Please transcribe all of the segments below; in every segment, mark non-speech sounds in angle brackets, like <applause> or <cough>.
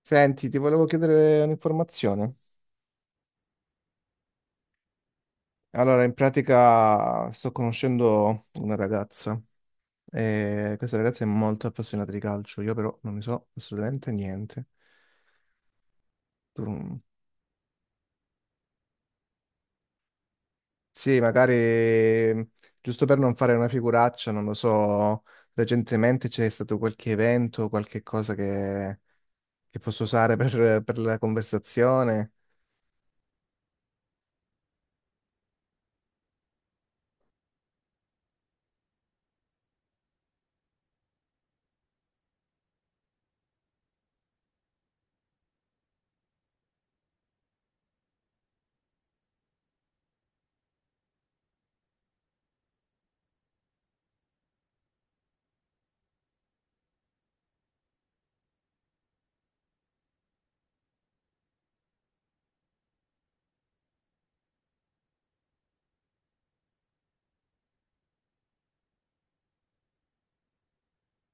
Senti, ti volevo chiedere un'informazione. Allora, in pratica sto conoscendo una ragazza e questa ragazza è molto appassionata di calcio, io però non ne so assolutamente niente. Tu- mm, Sì, magari giusto per non fare una figuraccia, non lo so, recentemente c'è stato qualche evento, qualche cosa che posso usare per la conversazione.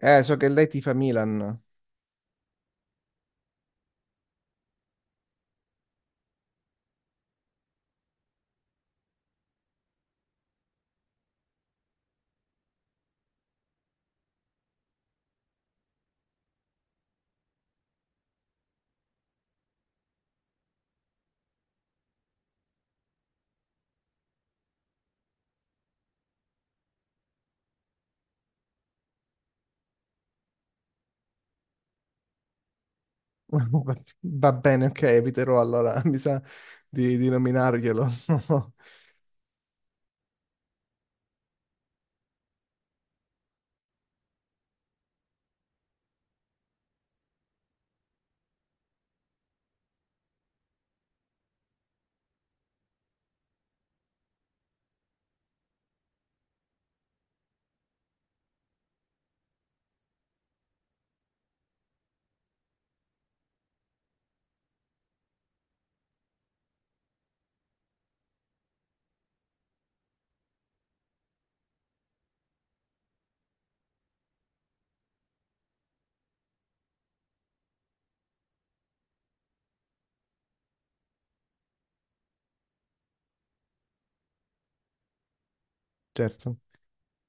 So che lei tifa Milan. Va va bene, ok, eviterò allora, <laughs> mi sa di nominarglielo. <laughs> Certo.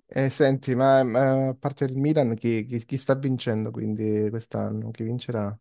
E senti, ma a parte il Milan, chi sta vincendo quindi quest'anno? Chi vincerà?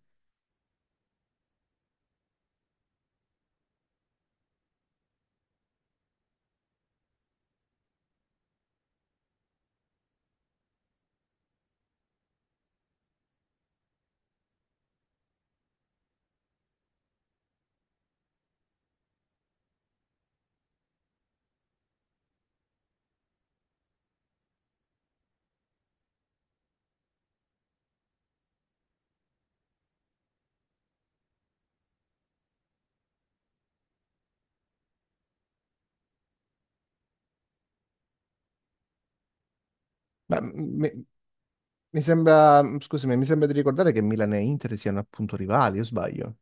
Ma mi sembra, scusami, mi sembra di ricordare che Milan e Inter siano appunto rivali, o sbaglio?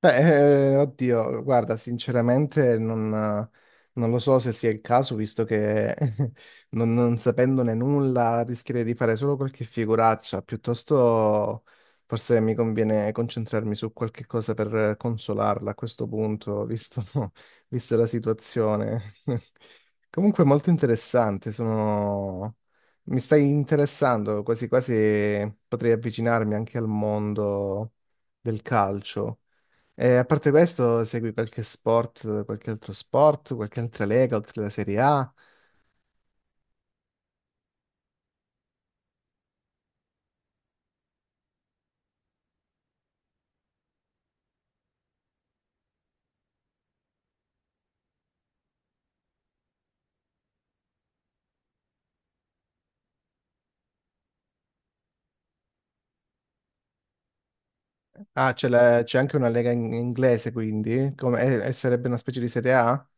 Beh, oddio, guarda, sinceramente non lo so se sia il caso, visto che <laughs> non sapendone nulla rischierei di fare solo qualche figuraccia, piuttosto forse mi conviene concentrarmi su qualche cosa per consolarla a questo punto, visto, <laughs> vista la situazione. <laughs> Comunque molto interessante, mi stai interessando, quasi quasi potrei avvicinarmi anche al mondo del calcio. E a parte questo, segui qualche sport, qualche altro sport, qualche altra lega oltre alla Serie A? Ah, c'è anche una lega inglese, quindi, come, e sarebbe una specie di Serie A?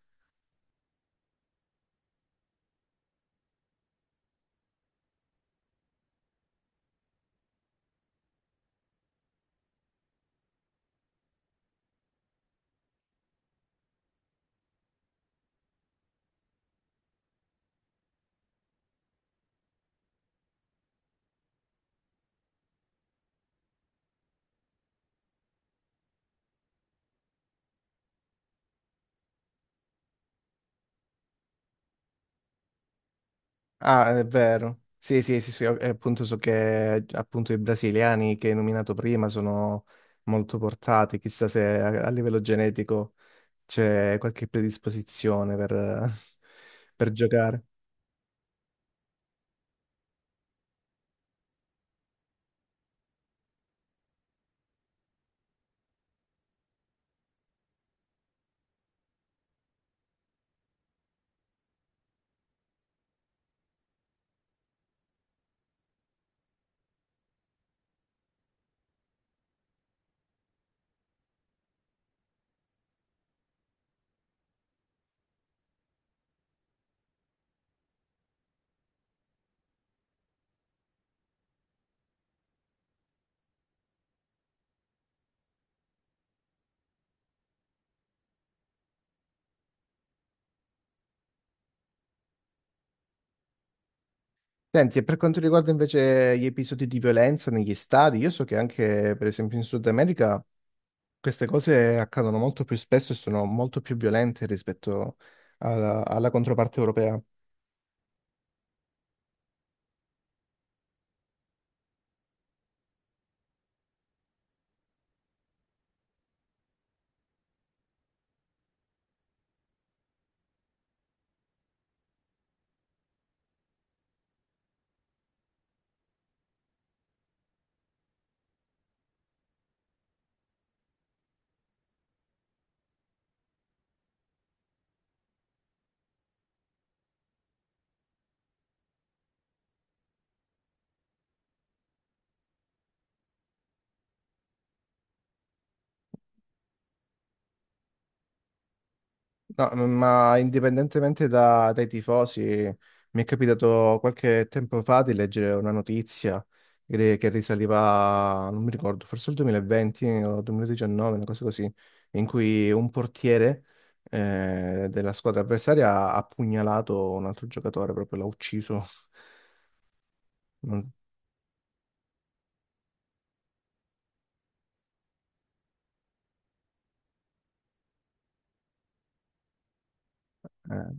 Ah, è vero. Sì, sì, sì, sì, e appunto so che appunto i brasiliani che hai nominato prima sono molto portati, chissà se a livello genetico c'è qualche predisposizione per <laughs> per giocare. Senti, e per quanto riguarda invece gli episodi di violenza negli stadi, io so che anche, per esempio, in Sud America queste cose accadono molto più spesso e sono molto più violente rispetto alla controparte europea. No, ma indipendentemente dai tifosi, mi è capitato qualche tempo fa di leggere una notizia che risaliva, non mi ricordo, forse il 2020 o 2019, una cosa così, in cui un portiere della squadra avversaria ha pugnalato un altro giocatore, proprio l'ha ucciso. <laughs> Non- eh.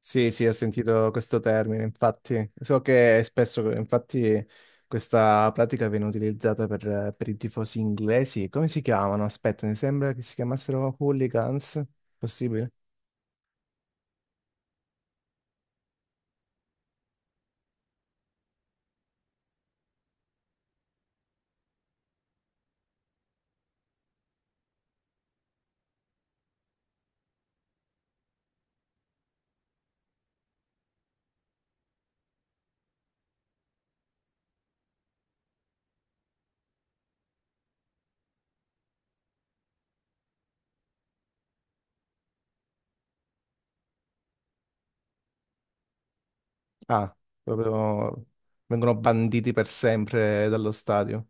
Sì, sì, ho sentito questo termine, infatti. So che spesso, infatti, questa pratica viene utilizzata per i tifosi inglesi. Come si chiamano? Aspetta, mi sembra che si chiamassero hooligans. Possibile? Ah, proprio vengono banditi per sempre dallo stadio.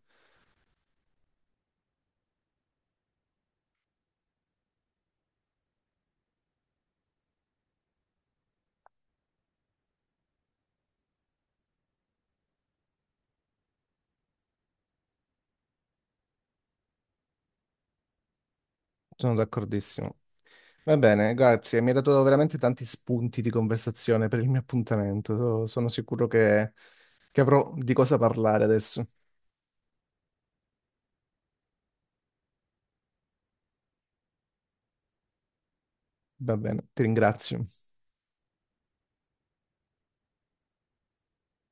Sono d'accordissimo. Va bene, grazie. Mi hai dato veramente tanti spunti di conversazione per il mio appuntamento. Sono sicuro che avrò di cosa parlare adesso. Va bene, ti ringrazio.